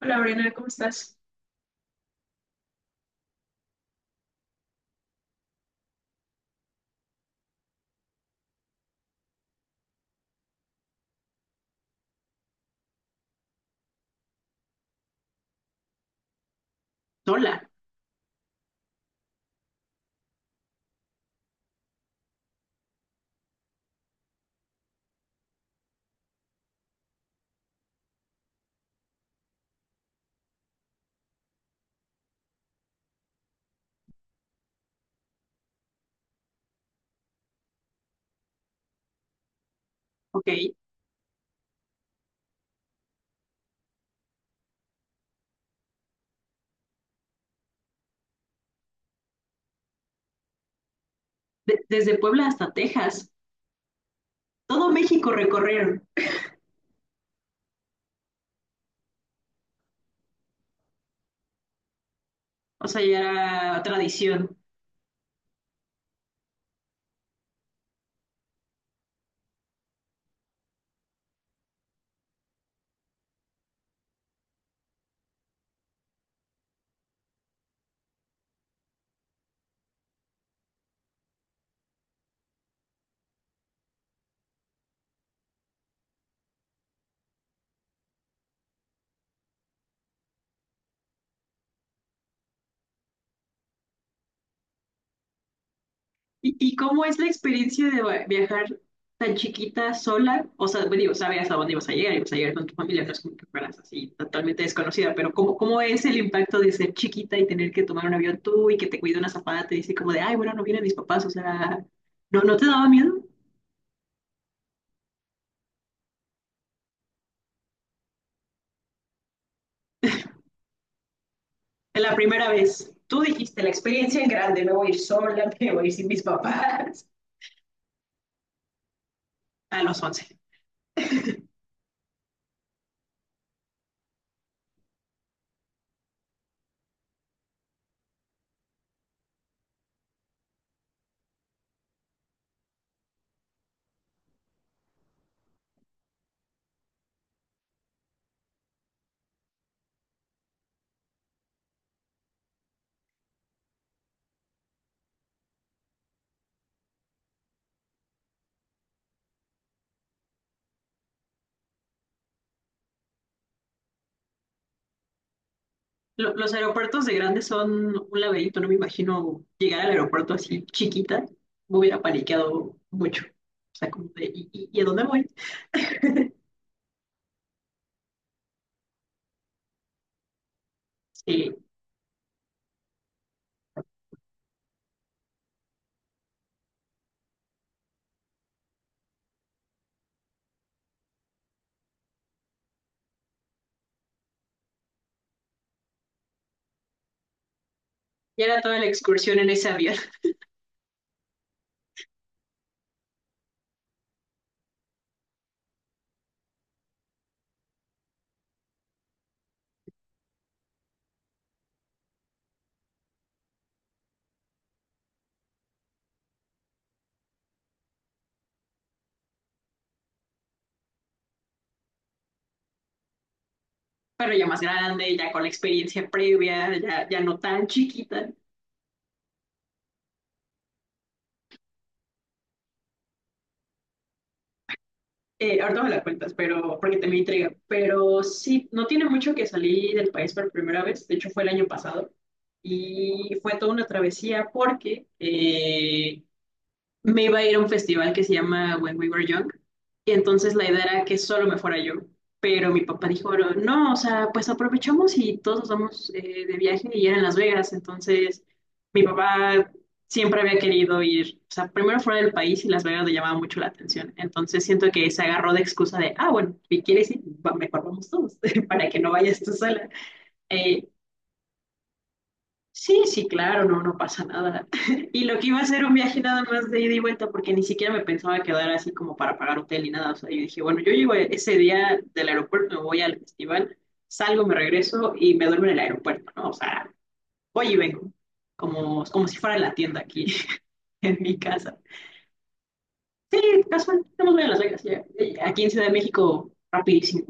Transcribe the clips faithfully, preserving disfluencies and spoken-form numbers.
Hola, Brena, ¿cómo estás? Sola, ¿ok? De- desde Puebla hasta Texas, todo México recorrieron, o sea, ya era tradición. ¿Y, y cómo es la experiencia de va- viajar tan chiquita, sola? O sea, bueno, digo, sabías a dónde ibas a llegar, ibas a llegar con tu familia, no es como que fueras así totalmente desconocida, pero ¿cómo, cómo es el impacto de ser chiquita y tener que tomar un avión tú y que te cuida una zapata, te dice como de, ay, bueno, no vienen mis papás, o sea, ¿no, no te daba miedo? La primera vez, tú dijiste la experiencia en grande, me voy a ir sola, me voy a ir sin mis papás, a los once. Lo- los aeropuertos de grande son un laberinto, no me imagino llegar al aeropuerto así chiquita, me hubiera paniqueado mucho. O sea, como de, ¿y, y- y a dónde voy? Sí, y era toda la excursión en ese avión, pero ya más grande, ya con la experiencia previa, ya, ya no tan chiquita. Eh, ahorita me la cuentas, pero porque te me intriga. Pero sí, no tiene mucho que salí del país por primera vez. De hecho, fue el año pasado. Y fue toda una travesía porque eh, me iba a ir a un festival que se llama When We Were Young, y entonces la idea era que solo me fuera yo, pero mi papá dijo, no, no, o sea, pues aprovechamos y todos nos vamos eh, de viaje y era en Las Vegas, entonces mi papá siempre había querido ir, o sea, primero fuera del país y Las Vegas le llamaba mucho la atención, entonces siento que se agarró de excusa de, ah, bueno, si quieres ir, va- mejor vamos todos, para que no vayas tú sola. Eh, Sí, sí, claro, no, no pasa nada. Y lo que iba a ser un viaje nada más de ida y vuelta, porque ni siquiera me pensaba quedar así como para pagar hotel ni nada. O sea, yo dije, bueno, yo llego ese día del aeropuerto, me voy al festival, salgo, me regreso y me duermo en el aeropuerto, ¿no? O sea, voy y vengo, como, como si fuera la tienda aquí en mi casa. Sí, casual, estamos bien a Las Vegas, ya. Aquí en Ciudad de México, rapidísimo.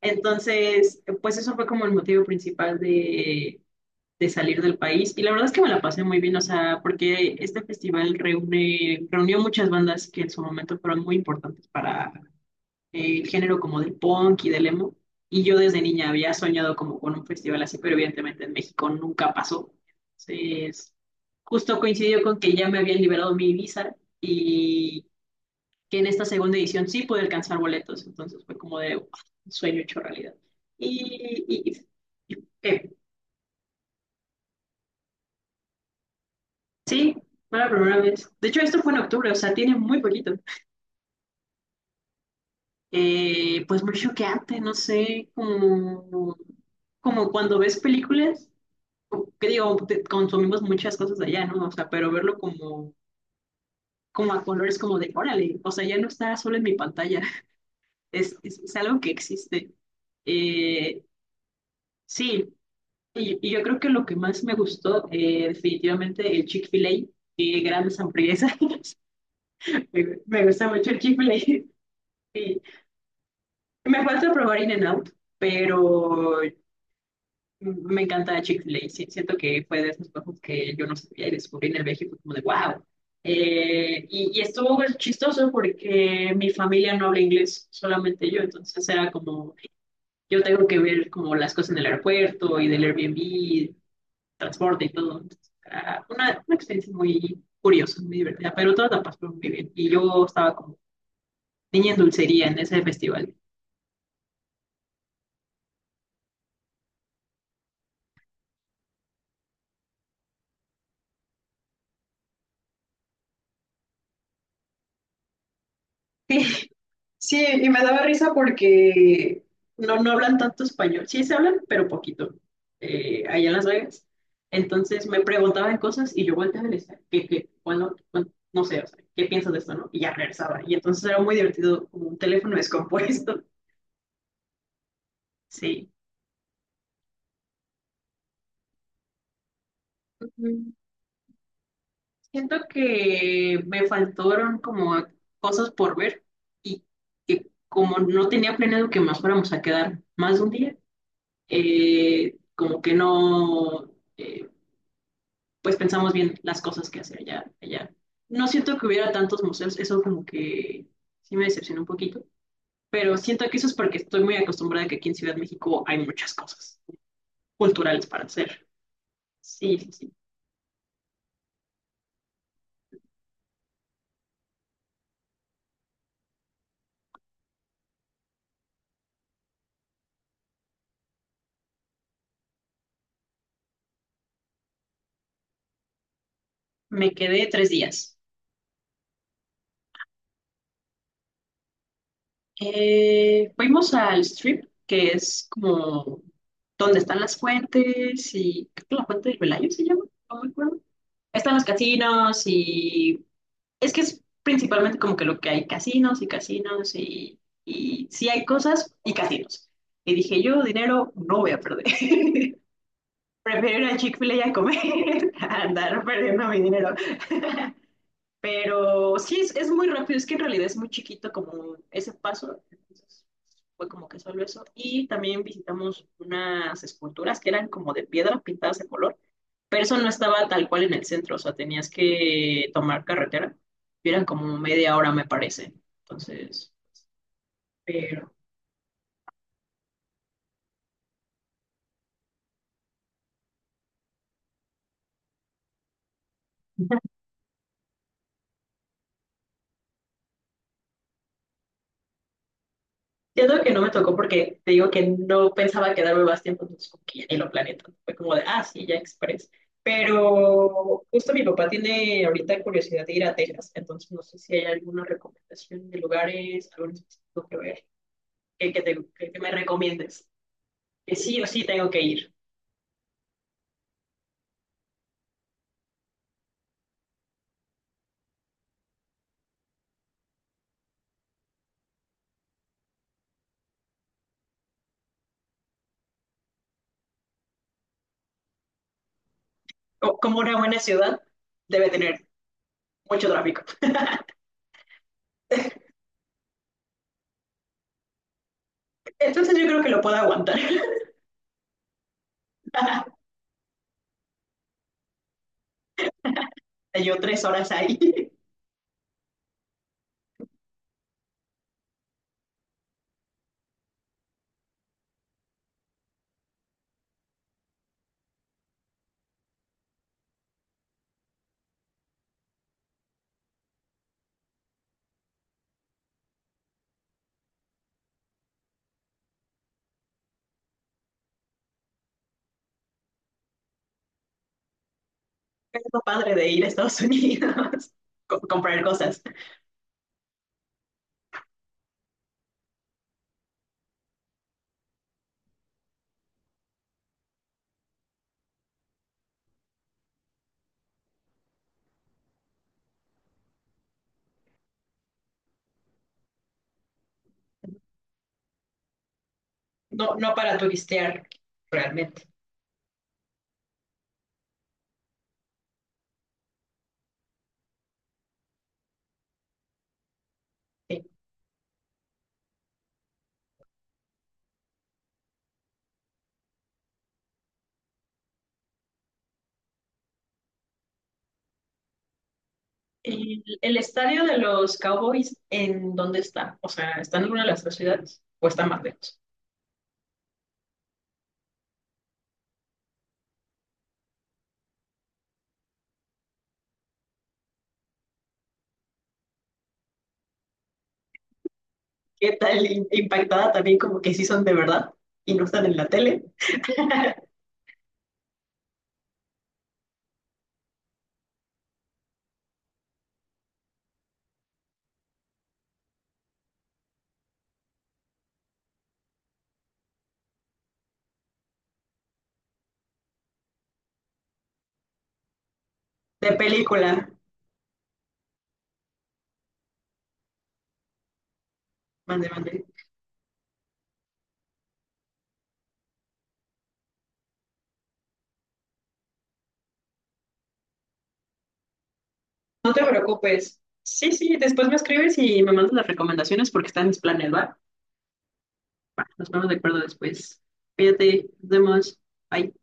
Entonces, pues eso fue como el motivo principal de de salir del país y la verdad es que me la pasé muy bien, o sea, porque este festival reúne, reunió muchas bandas que en su momento fueron muy importantes para eh, el género como del punk y del emo y yo desde niña había soñado como con un festival así, pero evidentemente en México nunca pasó. Entonces, justo coincidió con que ya me habían liberado mi visa y que en esta segunda edición sí pude alcanzar boletos, entonces fue como de "Uf, sueño hecho realidad". Y, y, y- y- eh, Sí, fue la primera vez. De hecho, esto fue en octubre, o sea, tiene muy poquito. Eh, pues muy choqueante, no sé, como, como cuando ves películas, o- que digo, te- consumimos muchas cosas de allá, ¿no? O sea, pero verlo como, como a colores, como de, órale, o sea, ya no está solo en mi pantalla, es, es, es algo que existe. Eh, sí, y, y yo creo que lo que más me gustó, eh, definitivamente, el Chick-fil-A, qué grandes hamburguesas. Me, me gusta mucho el Chick-fil-A. Y, me falta probar In and Out, pero me encanta Chick-fil-A. Sí, siento que fue de esos juegos que yo no sabía y descubrí en el viaje y fue como de wow. Eh, y, y estuvo chistoso porque mi familia no habla inglés, solamente yo. Entonces era como, yo tengo que ver como las cosas en el aeropuerto y del Airbnb, transporte y todo. Entonces, era una, una experiencia muy curiosa, muy divertida, pero todas la pasó muy bien. Y yo estaba como niña en dulcería en ese festival. Sí, y me daba risa porque no, no hablan tanto español. Sí, se hablan, pero poquito. Eh, allá en Las Vegas. Entonces me preguntaban cosas y yo volteaba y le decía, ¿qué, qué? Bueno, bueno, no sé, o sea, ¿qué piensas de esto, no? Y ya regresaba. Y entonces era muy divertido, como un teléfono descompuesto. Sí. Ujú. Siento que me faltaron como cosas por ver y que como no tenía planeado que nos fuéramos a quedar más de un día, eh, como que no. eh, pues pensamos bien las cosas que hacer allá, allá. No siento que hubiera tantos museos, eso como que sí me decepcionó un poquito, pero siento que eso es porque estoy muy acostumbrada a que aquí en Ciudad de México hay muchas cosas culturales para hacer. Sí, sí, sí. Me quedé tres días. Eh, fuimos al Strip, que es como donde están las fuentes y creo que la fuente del Velayo se llama, no me acuerdo. Están los casinos y es que es principalmente como que lo que hay casinos y casinos y, y sí hay cosas y casinos. Y dije, yo dinero no voy a perder. Prefiero ir a Chick-fil-A y a comer, a andar perdiendo mi dinero. Pero sí, es, es muy rápido, es que en realidad es muy chiquito como ese paso. Entonces fue como que solo eso. Y también visitamos unas esculturas que eran como de piedra pintadas de color, pero eso no estaba tal cual en el centro, o sea, tenías que tomar carretera. Y eran como media hora, me parece. Entonces, pero... Siento que no me tocó porque te digo que no pensaba quedarme más tiempo, entonces como que ya ni lo planeé tanto. Fue como de, ah, sí, ya express. Pero justo mi papá tiene ahorita curiosidad de ir a Texas, entonces no sé si hay alguna recomendación de lugares, algo en específico que ver, que, que, te- que- que me recomiendes. Que sí o sí tengo que ir. O, como una buena ciudad, debe tener mucho tráfico. Entonces yo creo que lo puedo aguantar. Yo tres horas ahí. Es lo padre de ir a Estados Unidos, co- comprar cosas. No, no para turistear, realmente. Sí. ¿El, el estadio de los Cowboys en dónde está? O sea, ¿está en alguna de las tres ciudades o está más lejos? ¿Qué tal in- impactada también como que sí son de verdad y no están en la tele? De película. Mande, mande. No te preocupes. Sí, sí, después me escribes y me mandas las recomendaciones porque están mis planes, ¿va? Va, nos ponemos de acuerdo después. Cuídate, nos vemos. Bye.